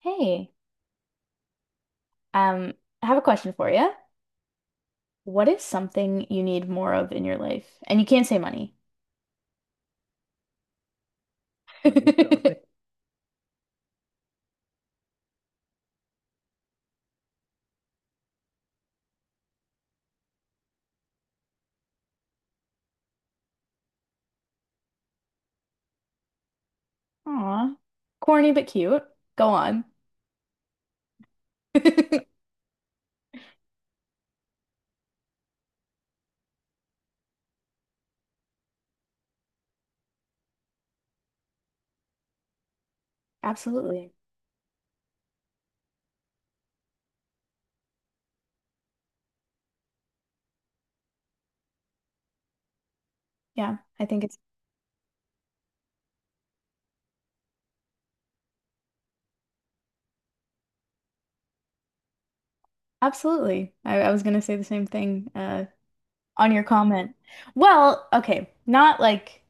Hey, um, I have a question for you. What is something you need more of in your life? And you can't say money. Aw, corny but cute. Go on. Absolutely. Yeah, I think it's absolutely. I was gonna say the same thing on your comment. Well, okay, not like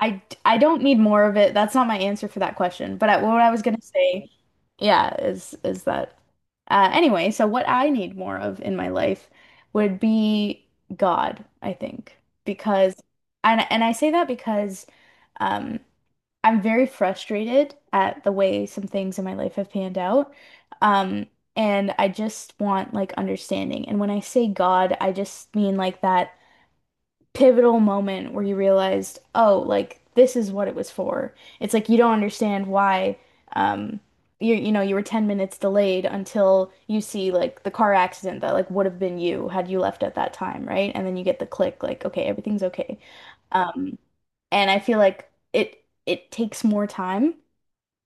I don't need more of it. That's not my answer for that question. But I, what I was gonna say, yeah, is that So what I need more of in my life would be God, I think, because and I say that because um, I'm very frustrated at the way some things in my life have panned out, um, and I just want like understanding. And when I say God, I just mean like that pivotal moment where you realized, oh, like this is what it was for. It's like you don't understand why um you know you were 10 minutes delayed until you see like the car accident that like would have been you had you left at that time, right? And then you get the click like okay, everything's okay. Um and I feel like it takes more time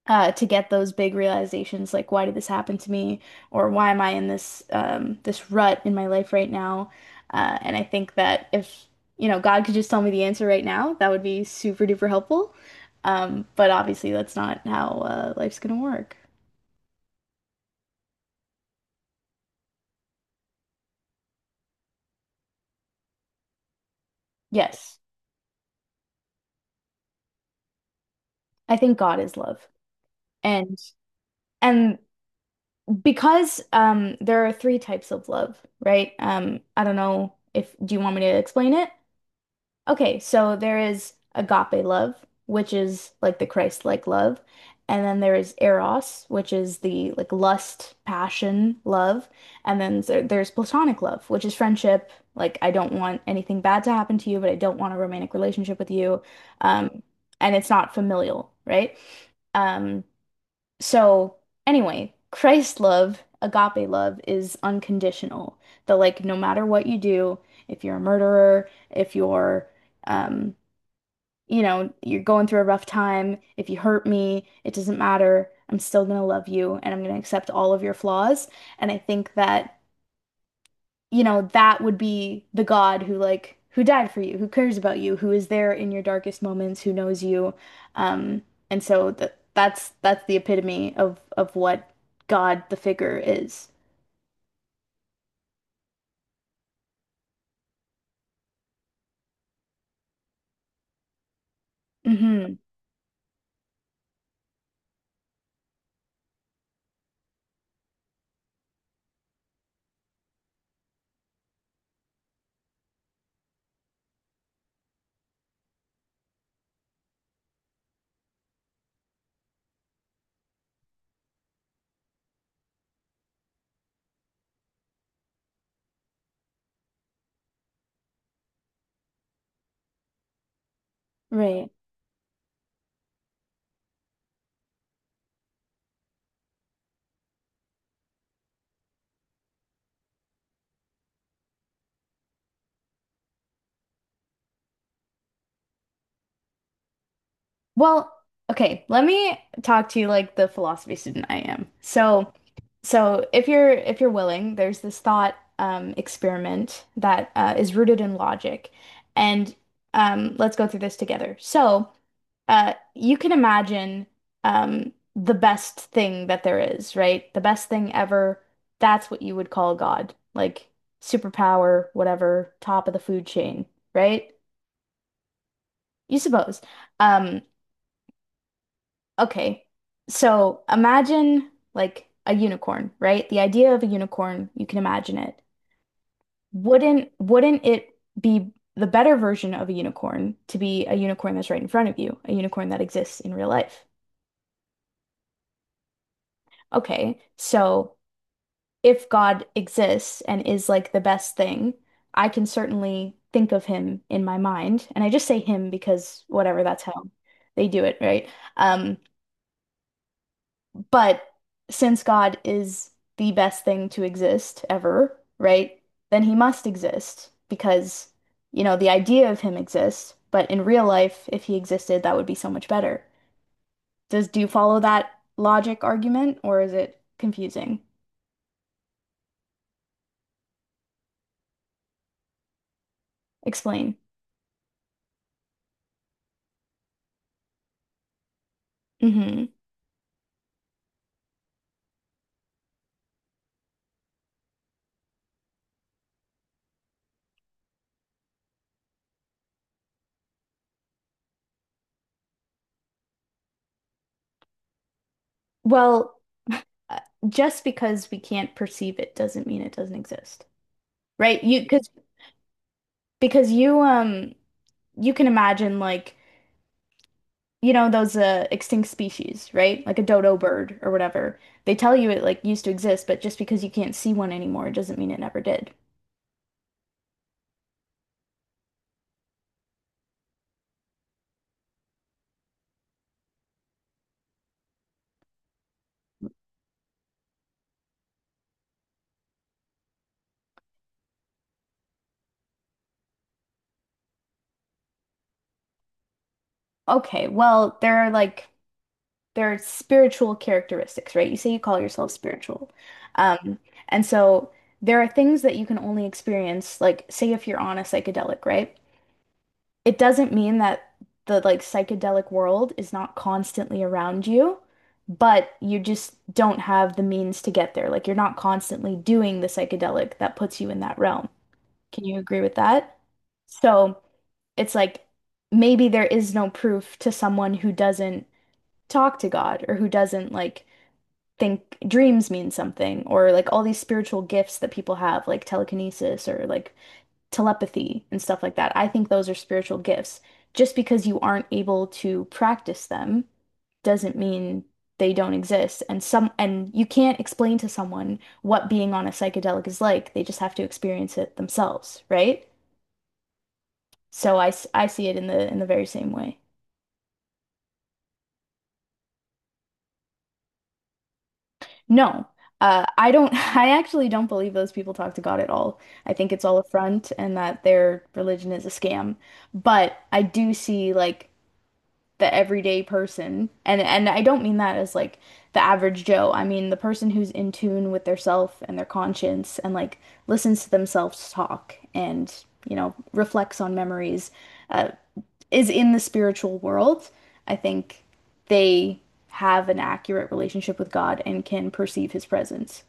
to get those big realizations, like why did this happen to me, or why am I in this this rut in my life right now? And I think that if God could just tell me the answer right now, that would be super duper helpful. But obviously, that's not how life's gonna work. Yes, I think God is love. And and because there are three types of love, right? I don't know if do you want me to explain it? Okay, so there is agape love, which is like the Christ-like love, and then there is eros, which is the like lust, passion, love, and then there's platonic love, which is friendship, like I don't want anything bad to happen to you, but I don't want a romantic relationship with you. Um, and it's not familial, right? Um, so, anyway, Christ love, agape love, is unconditional. That, like, no matter what you do, if you're a murderer, if you're, um, you know, you're going through a rough time, if you hurt me, it doesn't matter. I'm still gonna love you and I'm gonna accept all of your flaws. And I think that, that would be the God who like who died for you, who cares about you, who is there in your darkest moments, who knows you. Um, and so that that's the epitome of what God the figure is. Hmm. Right. Well, okay, let me talk to you like the philosophy student I am. So so if you're willing, there's this thought experiment that is rooted in logic. And let's go through this together. So uh, you can imagine the best thing that there is, right? The best thing ever. That's what you would call God, like superpower, whatever, top of the food chain, right? You suppose. Um, okay. So imagine like a unicorn, right? The idea of a unicorn, you can imagine it. Wouldn't it be the better version of a unicorn to be a unicorn that's right in front of you, a unicorn that exists in real life? Okay, so if God exists and is like the best thing, I can certainly think of him in my mind. And I just say him because whatever, that's how they do it, right? Um, but since God is the best thing to exist ever, right? Then he must exist because, the idea of him exists, but in real life, if he existed, that would be so much better. Does do you follow that logic argument or is it confusing? Explain. Hmm. Well, uh, just because we can't perceive it doesn't mean it doesn't exist, right? You because you you can imagine like those extinct species, right? Like a dodo bird or whatever. They tell you it like used to exist, but just because you can't see one anymore, it doesn't mean it never did. Okay, well, there are like there are spiritual characteristics, right? You say you call yourself spiritual. Um, and so there are things that you can only experience, like say if you're on a psychedelic, right? It doesn't mean that the like psychedelic world is not constantly around you, but you just don't have the means to get there. Like you're not constantly doing the psychedelic that puts you in that realm. Can you agree with that? So it's like maybe there is no proof to someone who doesn't talk to God or who doesn't like think dreams mean something or like all these spiritual gifts that people have like telekinesis or like telepathy and stuff like that. I think those are spiritual gifts. Just because you aren't able to practice them doesn't mean they don't exist. And some and you can't explain to someone what being on a psychedelic is like. They just have to experience it themselves, right? So I see it in the very same way. No, I don't. I actually don't believe those people talk to God at all. I think it's all a front and that their religion is a scam. But I do see like the everyday person, and I don't mean that as like the average Joe. I mean the person who's in tune with their self and their conscience and like listens to themselves talk and reflects on memories. Uh, is in the spiritual world, I think they have an accurate relationship with God and can perceive his presence.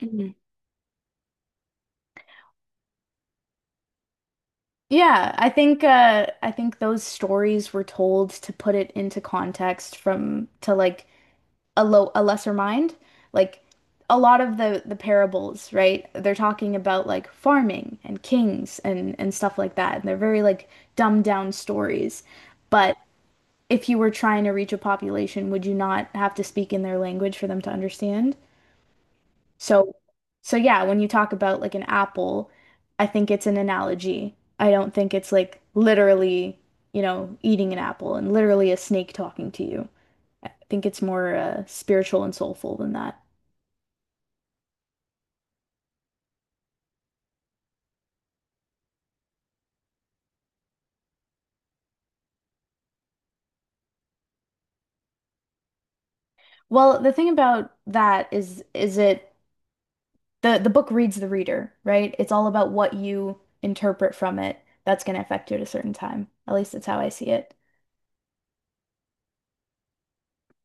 Mhm. Yeah, I think those stories were told to put it into context from to like a lesser mind. Like a lot of the parables, right? They're talking about like farming and kings and stuff like that. And they're very like dumbed down stories. But if you were trying to reach a population, would you not have to speak in their language for them to understand? So, so yeah, when you talk about like an apple, I think it's an analogy. I don't think it's like literally, eating an apple and literally a snake talking to you. I think it's more spiritual and soulful than that. Well, the thing about that is it the book reads the reader, right? It's all about what you interpret from it that's going to affect you at a certain time. At least that's how I see it.